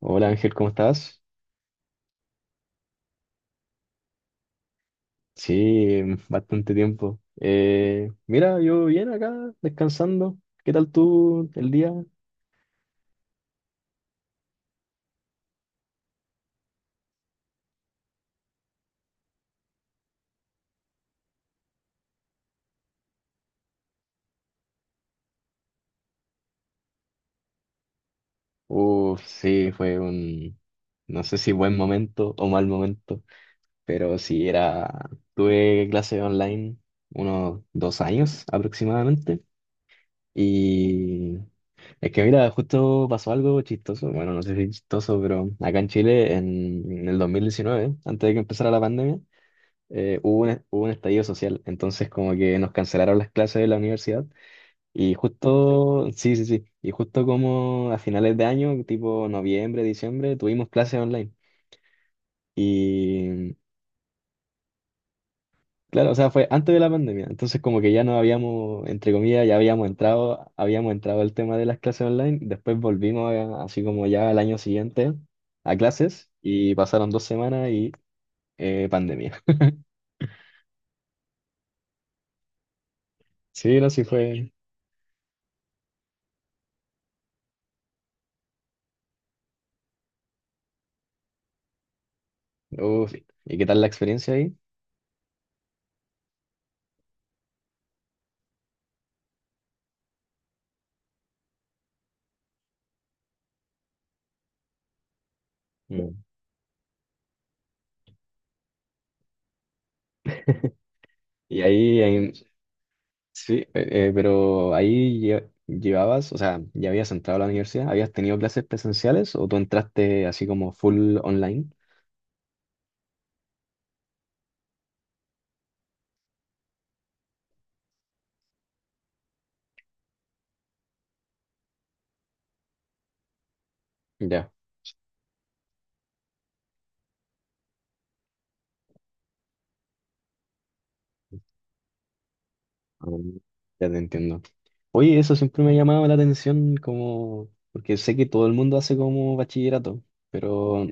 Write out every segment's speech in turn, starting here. Hola Ángel, ¿cómo estás? Sí, bastante tiempo. Mira, yo bien acá, descansando. ¿Qué tal tú el día? Uf, sí, no sé si buen momento o mal momento, pero sí era, tuve clase online unos dos años aproximadamente. Y es que mira, justo pasó algo chistoso, bueno, no sé si chistoso, pero acá en Chile en el 2019, antes de que empezara la pandemia, hubo un estallido social, entonces como que nos cancelaron las clases de la universidad y justo, sí, sí, sí, y justo como a finales de año, tipo noviembre, diciembre, tuvimos clases online. Y claro, o sea, fue antes de la pandemia, entonces como que ya no habíamos, entre comillas, ya habíamos entrado al tema de las clases online. Después así como ya al año siguiente a clases, y pasaron dos semanas y pandemia. Sí, no, sí fue. Uf, ¿y qué tal la experiencia ahí? Mm. Y sí, pero ahí llevabas, o sea, ya habías entrado a la universidad, ¿habías tenido clases presenciales o tú entraste así como full online? Ya, ah, ya te entiendo. Oye, eso siempre me ha llamado la atención como, porque sé que todo el mundo hace como bachillerato, pero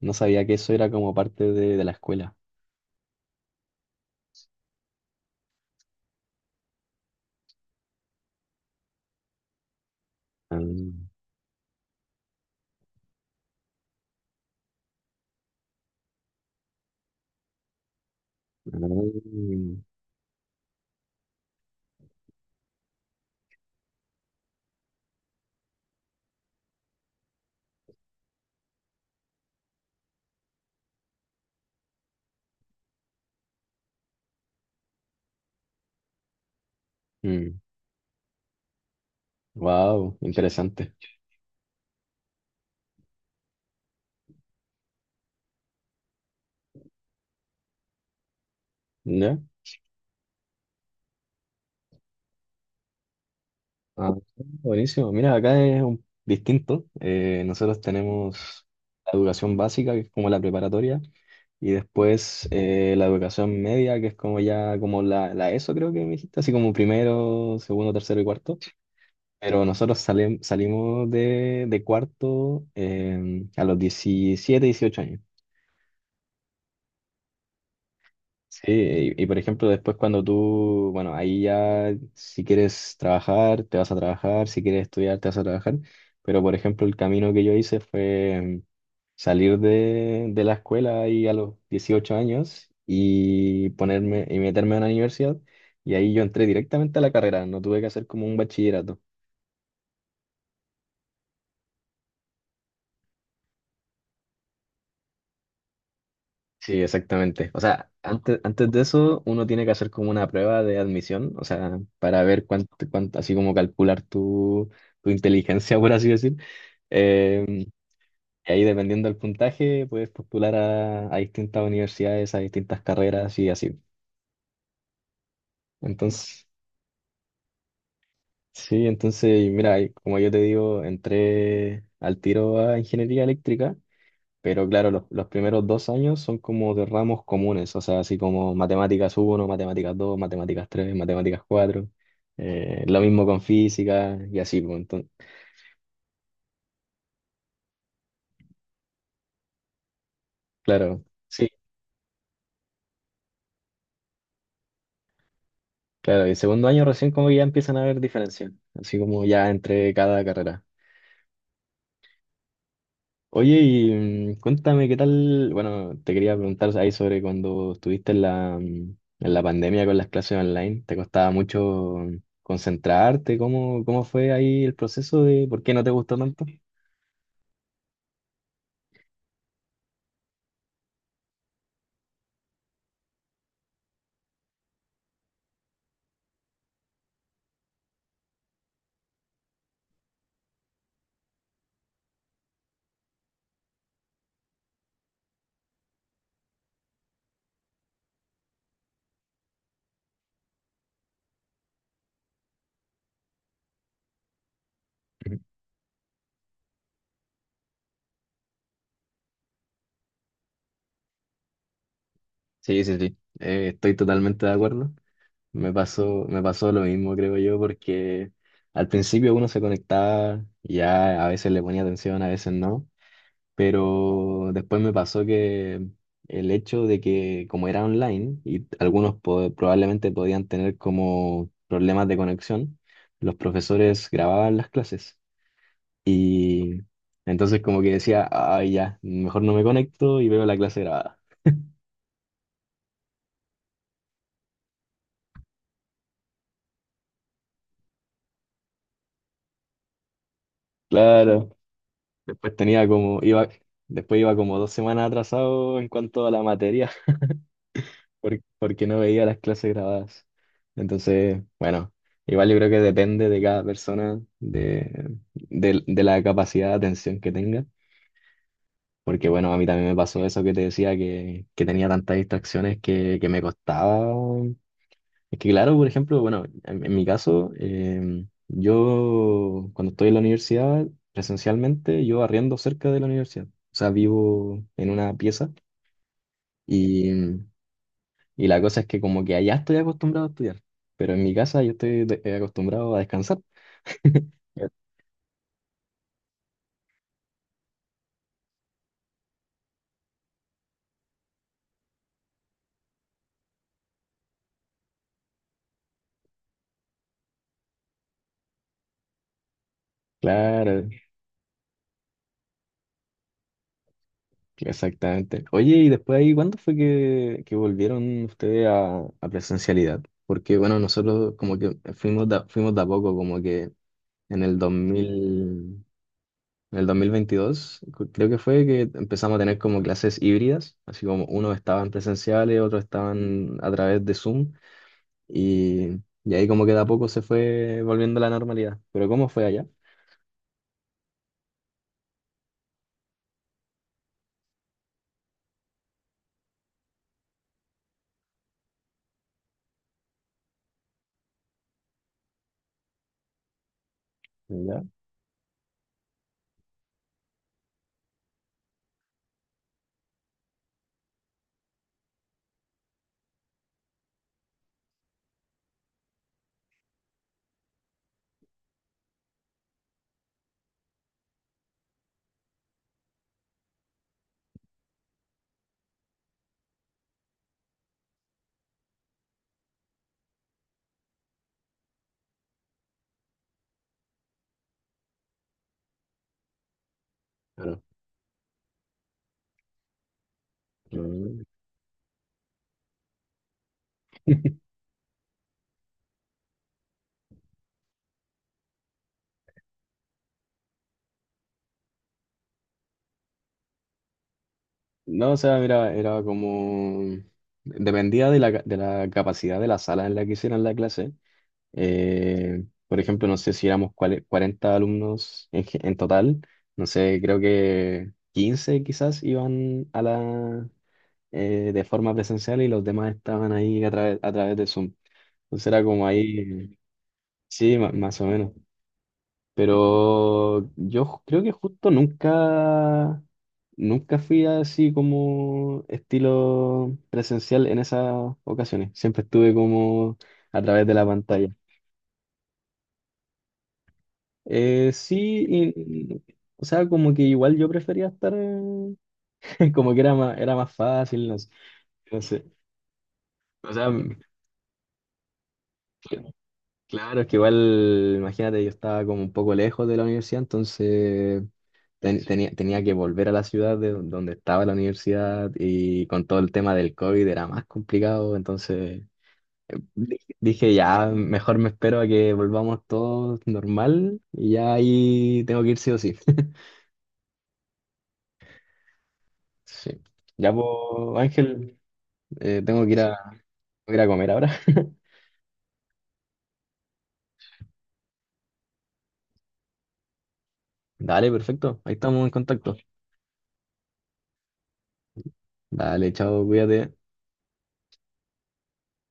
no sabía que eso era como parte de la escuela. Ah, ah, mm, wow, interesante. ¿Ya? Ah, buenísimo. Mira, acá es distinto. Nosotros tenemos la educación básica, que es como la preparatoria, y después la educación media, que es como ya como la ESO, creo que me dijiste, así como primero, segundo, tercero y cuarto. Pero nosotros salimos de cuarto a los 17, 18 años. Sí, y por ejemplo, después cuando tú, bueno, ahí ya si quieres trabajar, te vas a trabajar, si quieres estudiar, te vas a trabajar, pero por ejemplo, el camino que yo hice fue salir de la escuela ahí a los 18 años y ponerme y meterme a una universidad y ahí yo entré directamente a la carrera, no tuve que hacer como un bachillerato. Sí, exactamente. O sea, antes, antes de eso, uno tiene que hacer como una prueba de admisión, o sea, para ver cuánto, así como calcular tu, tu inteligencia, por así decir. Eh, y ahí, dependiendo del puntaje, puedes postular a distintas universidades, a distintas carreras y así. Entonces, sí, entonces, mira, y como yo te digo, entré al tiro a ingeniería eléctrica. Pero claro, los primeros dos años son como de ramos comunes, o sea, así como matemáticas uno, matemáticas dos, matemáticas tres, matemáticas cuatro, lo mismo con física y así, pues, entonces, claro, sí, claro, y segundo año recién como que ya empiezan a haber diferencias, así como ya entre cada carrera. Oye, y cuéntame qué tal, bueno, te quería preguntar ahí sobre cuando estuviste en la, en la pandemia con las clases online, ¿te costaba mucho concentrarte? ¿Cómo, cómo fue ahí el proceso de por qué no te gustó tanto? Ujú. Sí, sí, sí, estoy totalmente de acuerdo. Me pasó lo mismo, creo yo, porque al principio uno se conectaba, y ya a veces le ponía atención, a veces no. Pero después me pasó que el hecho de que como era online y probablemente podían tener como problemas de conexión, los profesores grababan las clases, y entonces como que decía, ay ya, mejor no me conecto y veo la clase grabada. Claro, después tenía como, iba, después iba como dos semanas atrasado en cuanto a la materia. Porque no veía las clases grabadas. Entonces, bueno, igual yo creo que depende de cada persona, de la capacidad de atención que tenga. Porque bueno, a mí también me pasó eso que te decía, que tenía tantas distracciones que me costaba. Es que claro, por ejemplo, bueno, en mi caso, yo cuando estoy en la universidad, presencialmente, yo arriendo cerca de la universidad. O sea, vivo en una pieza. Y, y la cosa es que como que allá estoy acostumbrado a estudiar, pero en mi casa yo estoy acostumbrado a descansar. Claro, exactamente. Oye, y después ahí, ¿cuándo fue que volvieron ustedes a presencialidad? Porque bueno, nosotros como que fuimos de a poco, como que en el 2000, en el 2022, creo que fue que empezamos a tener como clases híbridas, así como unos estaban presenciales, otros estaban a través de Zoom, y ahí como que de a poco se fue volviendo a la normalidad. Pero ¿cómo fue allá? ¿Ya? Claro. Mm. No, o sea, mira, era como... Dependía de de la capacidad de la sala en la que hicieran la clase. Por ejemplo, no sé si éramos 40 alumnos en total. No sé, creo que 15 quizás iban a de forma presencial, y los demás estaban ahí a través de Zoom. Entonces era como ahí, sí, más o menos. Pero yo creo que justo nunca, nunca fui así como estilo presencial en esas ocasiones. Siempre estuve como a través de la pantalla. Sí, o sea, como que igual yo prefería estar, como que era más fácil, no sé. No sé. O sea, cl- claro, es que igual, imagínate, yo estaba como un poco lejos de la universidad, entonces tenía, tenía que volver a la ciudad de donde estaba la universidad, y con todo el tema del COVID era más complicado, entonces dije, ya, mejor me espero a que volvamos todos normal y ya ahí tengo que ir sí o sí. Sí. Ya, pues, Ángel, tengo que ir ir a comer ahora. Dale, perfecto. Ahí estamos en contacto. Dale, chao, cuídate.